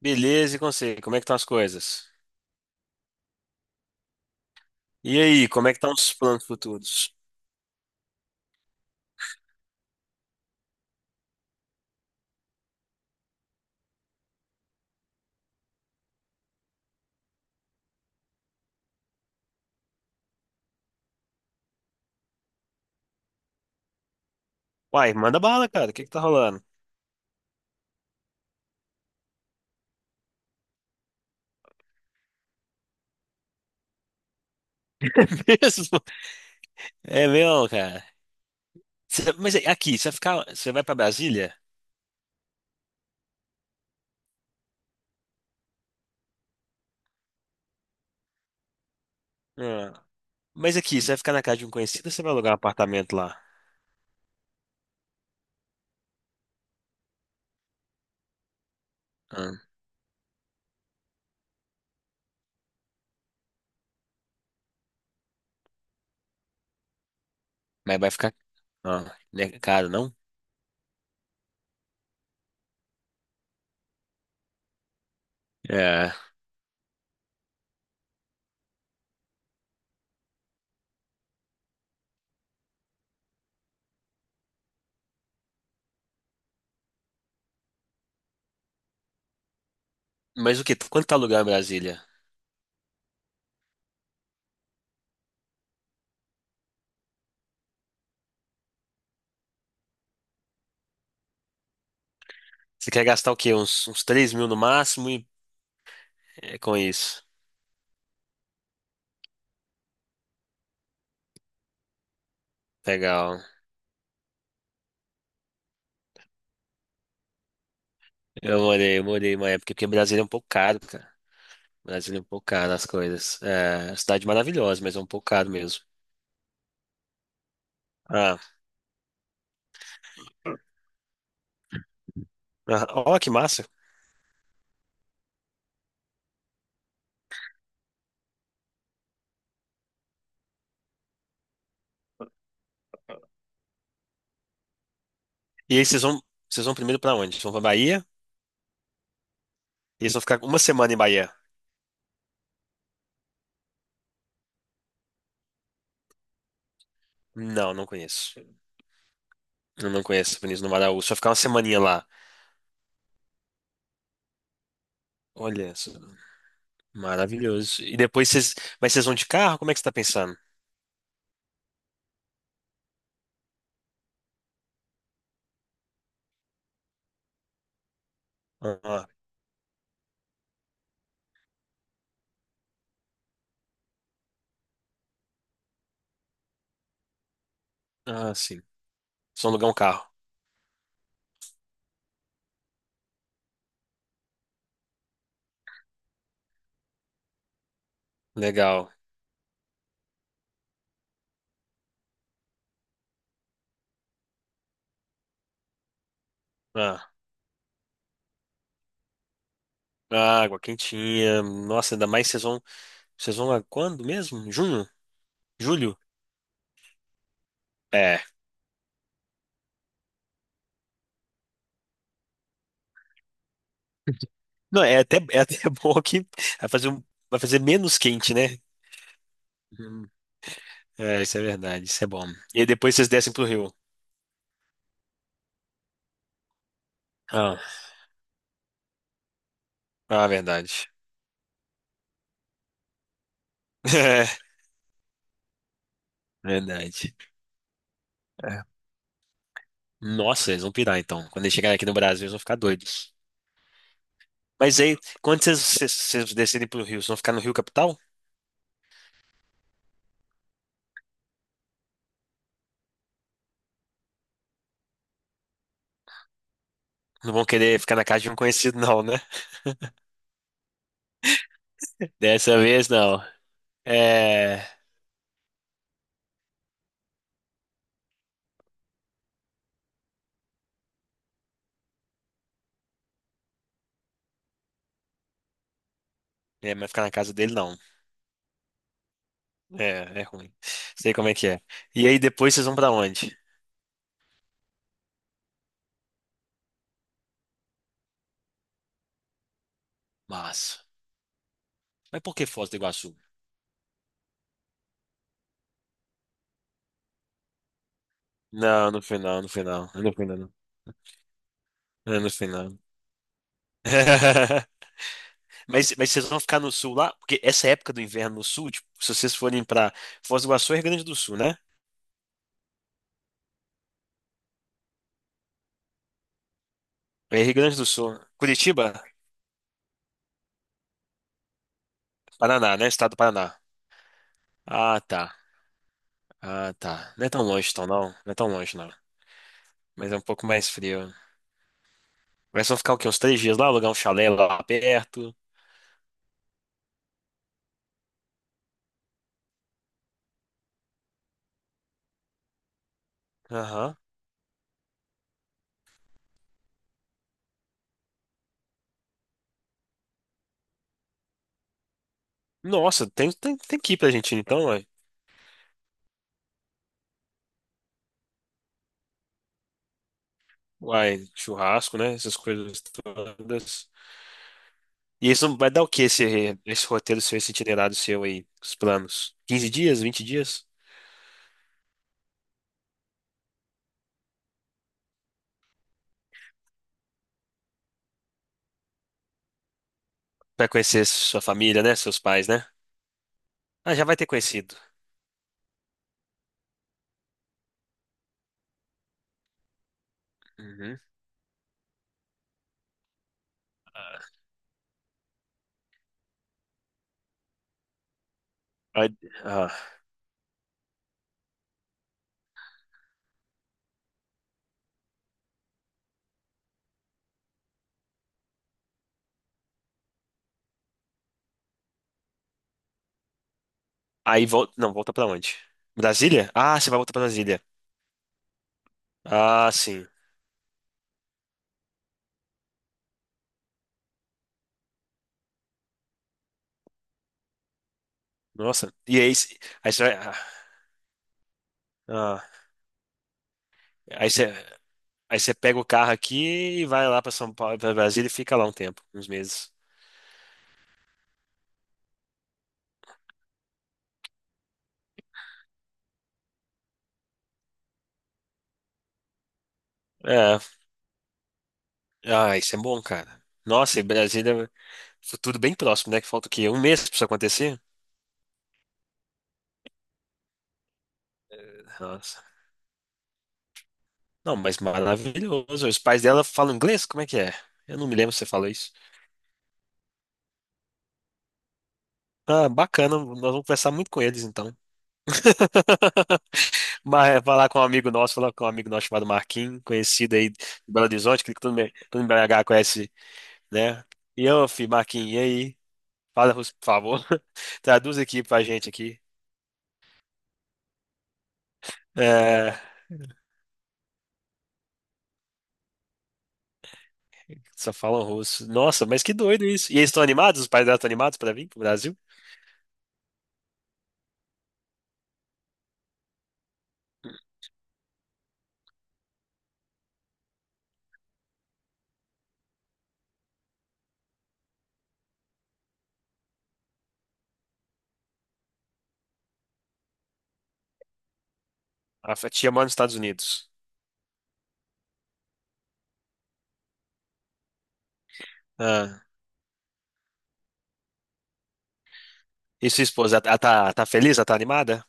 Beleza, e com você? Como é que estão as coisas? E aí, como é que estão os planos futuros? Uai, manda bala, cara. O que que tá rolando? É mesmo? É mesmo, cara. Mas é, aqui, você vai ficar, você vai pra Brasília? Ah, mas aqui, você vai ficar na casa de um conhecido ou você vai alugar um apartamento lá? Ah, mas vai ficar, ah, né, caro, não? É. Mas o que? Quanto tá alugar em Brasília? Você quer gastar o quê? Uns 3 mil no máximo, e é com isso. Legal. Eu morei uma época, porque Brasília é um pouco caro, cara. Brasília é um pouco caro as coisas. É, cidade maravilhosa, mas é um pouco caro mesmo. Ah, ah, ó, que massa. E aí vocês vão primeiro pra onde? Vocês vão pra Bahia? E eles vão ficar uma semana em Bahia? Não, não conheço. Eu não conheço Vinícius do Maraú. Só ficar uma semaninha lá. Olha, isso, maravilhoso. E depois vocês, mas vocês vão de carro? Como é que você tá pensando? Ah, ah, sim. Vocês vão alugar um carro. Legal. Ah, água quentinha. Nossa, ainda mais vocês vão a quando mesmo? Junho? Julho? É. Não, é até bom que vai fazer, um- vai fazer menos quente, né? Hum. É, isso é verdade, isso é bom. E aí depois vocês descem pro rio. Ah, ah, verdade. É, verdade. É. Nossa, eles vão pirar então. Quando eles chegarem aqui no Brasil, eles vão ficar doidos. Mas aí, quando vocês descerem pro rio, vocês vão ficar no Rio Capital? Não vão querer ficar na casa de um conhecido, não, né? Dessa vez, não. É. É, mas ficar na casa dele, não. É, é ruim. Sei como é que é. E aí depois vocês vão pra onde? Massa. Mas por que Foz do Iguaçu? Não, no final, no final. No final, não. É no final. Mas vocês vão ficar no sul lá? Porque essa época do inverno no sul, tipo, se vocês forem pra Foz do Iguaçu, é Rio Grande do Sul, né? É Rio Grande do Sul. Curitiba, Paraná, né? Estado do Paraná. Ah, tá. Ah, tá. Não é tão longe, então, não. Não é tão longe, não. Mas é um pouco mais frio. Mas vão ficar o quê? Uns três dias lá, alugar um chalé lá perto. Aham. Nossa, tem que ir pra Argentina, então, uai. Uai, churrasco, né? Essas coisas todas. E isso vai dar o que esse roteiro seu, esse itinerário seu aí, os planos? Quinze dias, 20 dias? Vai conhecer sua família, né? Seus pais, né? Ah, já vai ter conhecido. Uhum. Ah, aí, ah, aí volta. Não, volta pra onde? Brasília? Ah, você vai voltar pra Brasília. Ah, sim. Nossa. E aí, aí você vai. Ah, ah, aí você, aí você pega o carro aqui e vai lá pra São Paulo, pra Brasília e fica lá um tempo, uns meses. É. Ah, isso é bom, cara. Nossa, e Brasília. Futuro bem próximo, né? Que falta o quê? Um mês pra isso acontecer? Nossa. Não, mas maravilhoso. Os pais dela falam inglês? Como é que é? Eu não me lembro se você falou isso. Ah, bacana. Nós vamos conversar muito com eles, então. Mas é falar com um amigo nosso, falar com um amigo nosso chamado Marquinhos, conhecido aí de Belo Horizonte, que todo em BH conhece, né? E eu, Marquinhos, e aí? Fala, por favor. Traduz aqui pra gente aqui. É, só falam russo. Nossa, mas que doido isso. E eles estão animados? Os pais dela estão animados para vir pro Brasil? Tia mora nos Estados Unidos. Ah, e sua esposa, ela tá feliz? Ela tá animada?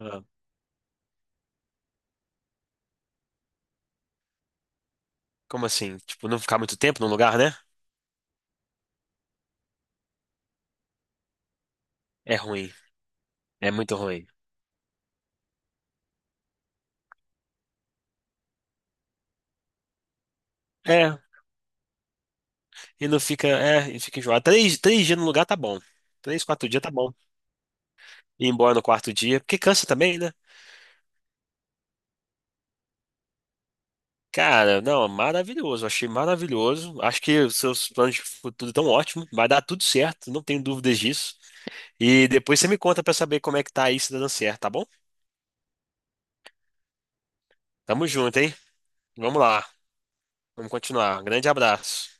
Ah, como assim? Tipo, não ficar muito tempo num lugar, né? É ruim. É muito ruim. É, e não fica, é, e fica enjoado. Três dias no lugar tá bom. Três, quatro dias tá bom. Ir embora no quarto dia, porque cansa também, né? Cara, não, maravilhoso. Achei maravilhoso. Acho que os seus planos de futuro estão ótimos. Vai dar tudo certo, não tenho dúvidas disso. E depois você me conta pra saber como é que tá aí, se tá dando certo, tá bom? Tamo junto, hein? Vamos lá, vamos continuar. Grande abraço.